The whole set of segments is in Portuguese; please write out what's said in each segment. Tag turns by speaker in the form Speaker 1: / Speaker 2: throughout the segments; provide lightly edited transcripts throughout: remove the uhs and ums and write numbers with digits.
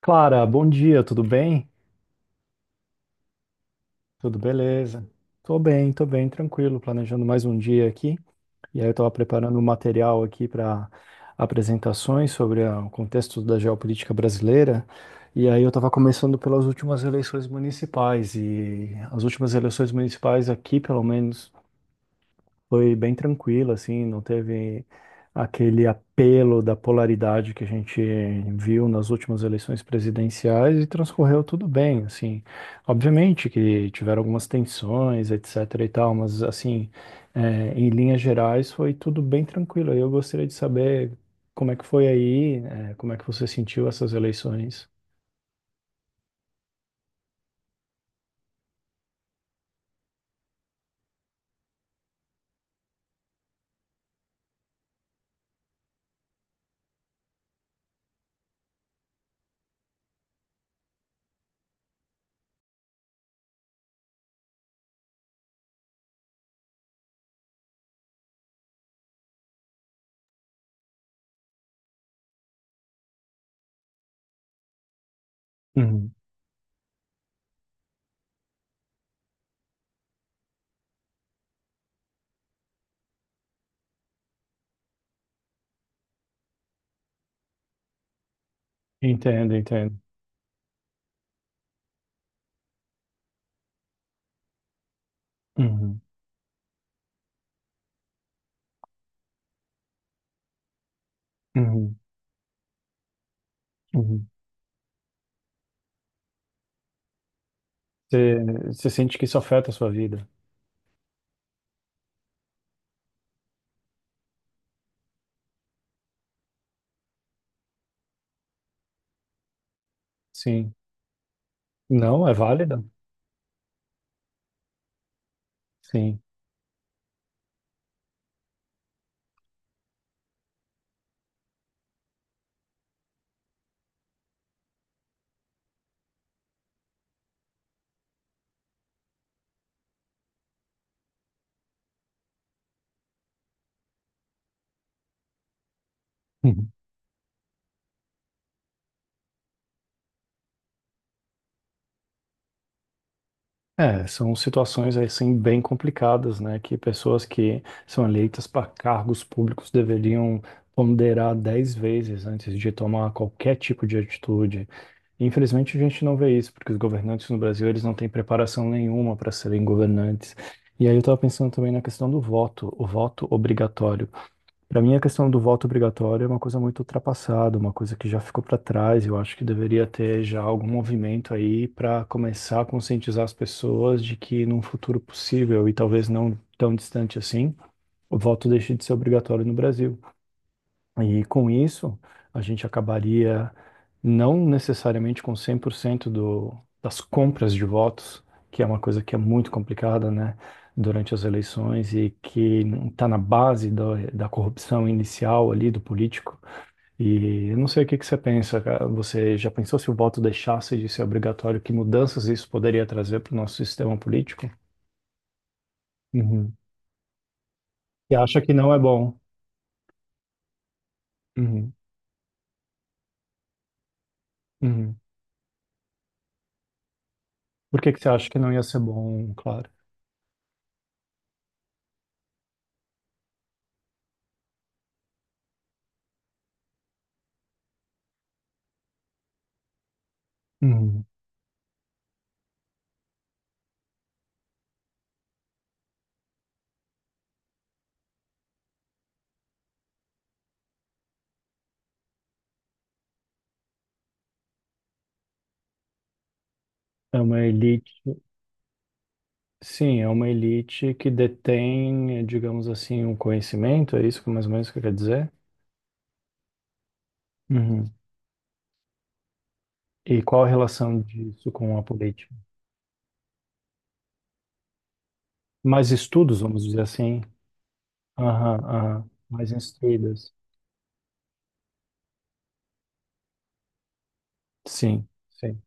Speaker 1: Clara, bom dia, tudo bem? Tudo beleza? Tô bem, tranquilo, planejando mais um dia aqui. E aí eu estava preparando um material aqui para apresentações sobre o contexto da geopolítica brasileira. E aí eu estava começando pelas últimas eleições municipais e as últimas eleições municipais aqui, pelo menos foi bem tranquilo, assim, não teve aquele apelo da polaridade que a gente viu nas últimas eleições presidenciais e transcorreu tudo bem, assim. Obviamente que tiveram algumas tensões, etc e tal, mas, assim, é, em linhas gerais foi tudo bem tranquilo. Eu gostaria de saber como é que foi aí, como é que você sentiu essas eleições. Uhum. Entendo, entendo. Uhum, uhum, uhum. Você, você sente que isso afeta a sua vida? Sim. Não, é válida. Sim. Uhum. É, são situações assim bem complicadas, né? Que pessoas que são eleitas para cargos públicos deveriam ponderar 10 vezes antes de tomar qualquer tipo de atitude. Infelizmente, a gente não vê isso, porque os governantes no Brasil eles não têm preparação nenhuma para serem governantes. E aí eu estava pensando também na questão do voto, o voto obrigatório. Para mim, a questão do voto obrigatório é uma coisa muito ultrapassada, uma coisa que já ficou para trás. Eu acho que deveria ter já algum movimento aí para começar a conscientizar as pessoas de que num futuro possível, e talvez não tão distante assim, o voto deixe de ser obrigatório no Brasil. E com isso, a gente acabaria não necessariamente com 100% das compras de votos, que é uma coisa que é muito complicada, né, durante as eleições e que está na base da corrupção inicial ali do político. E eu não sei o que que você pensa, cara. Você já pensou se o voto deixasse de ser obrigatório, que mudanças isso poderia trazer para o nosso sistema político? Uhum. E acha que não é bom. Uhum. Uhum. Por que que você acha que não ia ser bom, claro? É uma elite, sim, é uma elite que detém, digamos assim, um conhecimento, é isso que mais ou menos que quer dizer? Uhum. E qual a relação disso com a política? Mais estudos, vamos dizer assim. Aham, aham. Mais instruídas. Sim, sim,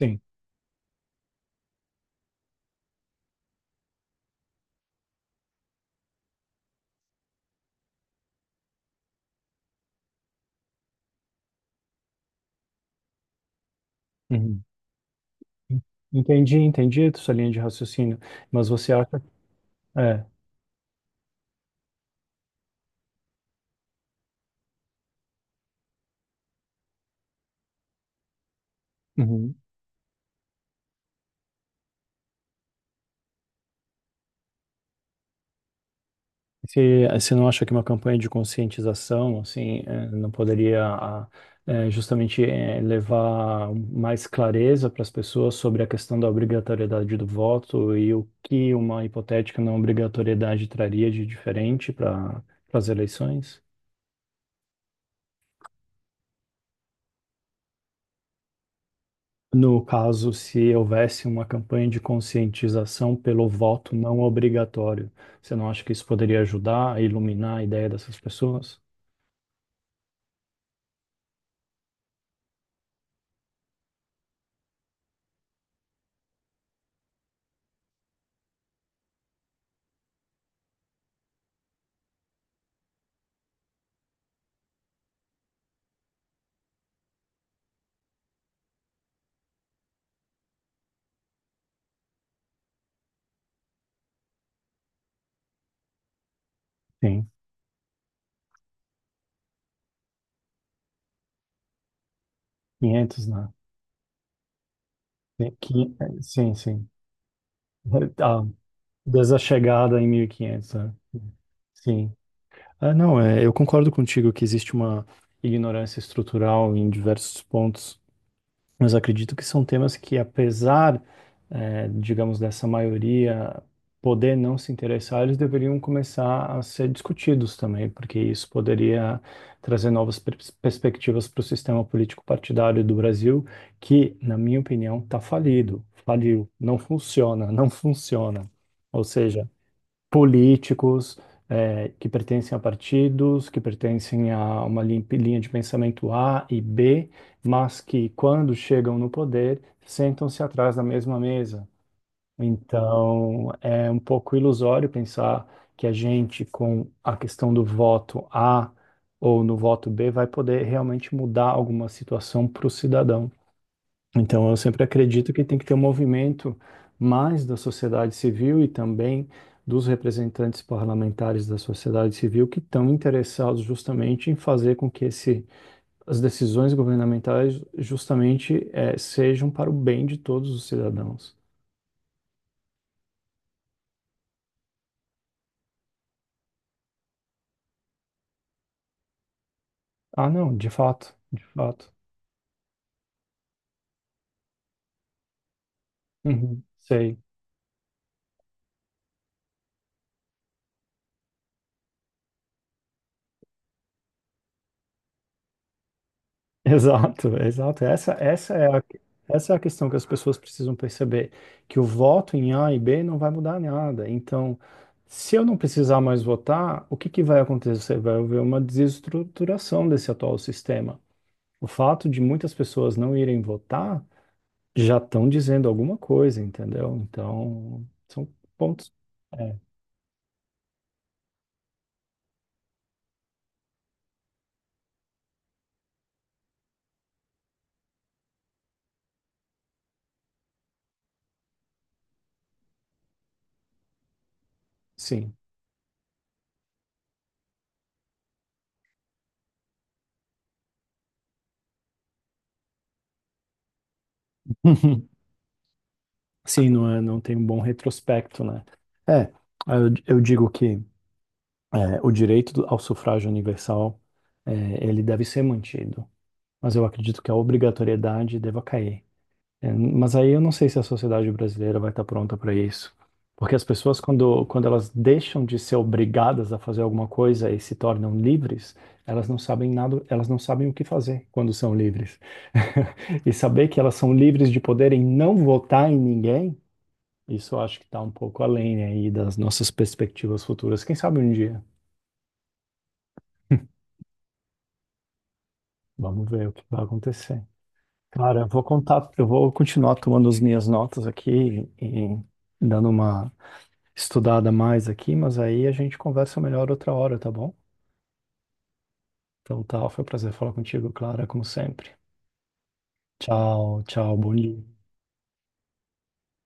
Speaker 1: sim. Uhum. Entendi, entendi a sua linha de raciocínio, mas você acha. É. Uhum. Você, você não acha que uma campanha de conscientização, assim, não poderia justamente levar mais clareza para as pessoas sobre a questão da obrigatoriedade do voto e o que uma hipotética não obrigatoriedade traria de diferente para as eleições? No caso, se houvesse uma campanha de conscientização pelo voto não obrigatório, você não acha que isso poderia ajudar a iluminar a ideia dessas pessoas? Sim, 500, né? Tem que- Sim, sim. Ah, desde a chegada em 1500, né? Sim. Ah, não, é, eu concordo contigo que existe uma ignorância estrutural em diversos pontos, mas acredito que são temas que, apesar, digamos, dessa maioria poder não se interessar, eles deveriam começar a ser discutidos também, porque isso poderia trazer novas perspectivas para o sistema político partidário do Brasil, que, na minha opinião, está falido, faliu, não funciona, não funciona. Ou seja, políticos que pertencem a partidos, que pertencem a uma linha de pensamento A e B, mas que, quando chegam no poder, sentam-se atrás da mesma mesa. Então, é um pouco ilusório pensar que a gente, com a questão do voto A ou no voto B, vai poder realmente mudar alguma situação para o cidadão. Então, eu sempre acredito que tem que ter um movimento mais da sociedade civil e também dos representantes parlamentares da sociedade civil que estão interessados justamente em fazer com que as decisões governamentais justamente sejam para o bem de todos os cidadãos. Ah, não, de fato, de fato. Uhum, sei. Exato, exato. Essa é a questão que as pessoas precisam perceber, que o voto em A e B não vai mudar nada. Então, se eu não precisar mais votar, o que que vai acontecer? Vai haver uma desestruturação desse atual sistema. O fato de muitas pessoas não irem votar já estão dizendo alguma coisa, entendeu? Então, são pontos. É, sim. Sim, não é, não tem um bom retrospecto, né? É, eu digo que o direito ao sufrágio universal, é, ele deve ser mantido, mas eu acredito que a obrigatoriedade deva cair. É, mas aí eu não sei se a sociedade brasileira vai estar pronta para isso, porque as pessoas quando, quando elas deixam de ser obrigadas a fazer alguma coisa e se tornam livres, elas não sabem nada, elas não sabem o que fazer quando são livres. E saber que elas são livres de poderem não votar em ninguém, isso eu acho que está um pouco além aí das nossas perspectivas futuras. Quem sabe um dia. Vamos ver o que vai acontecer. Cara, eu vou contar, eu vou continuar tomando as minhas notas aqui e dando uma estudada mais aqui, mas aí a gente conversa melhor outra hora, tá bom? Então tá, foi um prazer falar contigo, Clara, como sempre. Tchau, tchau, bom dia.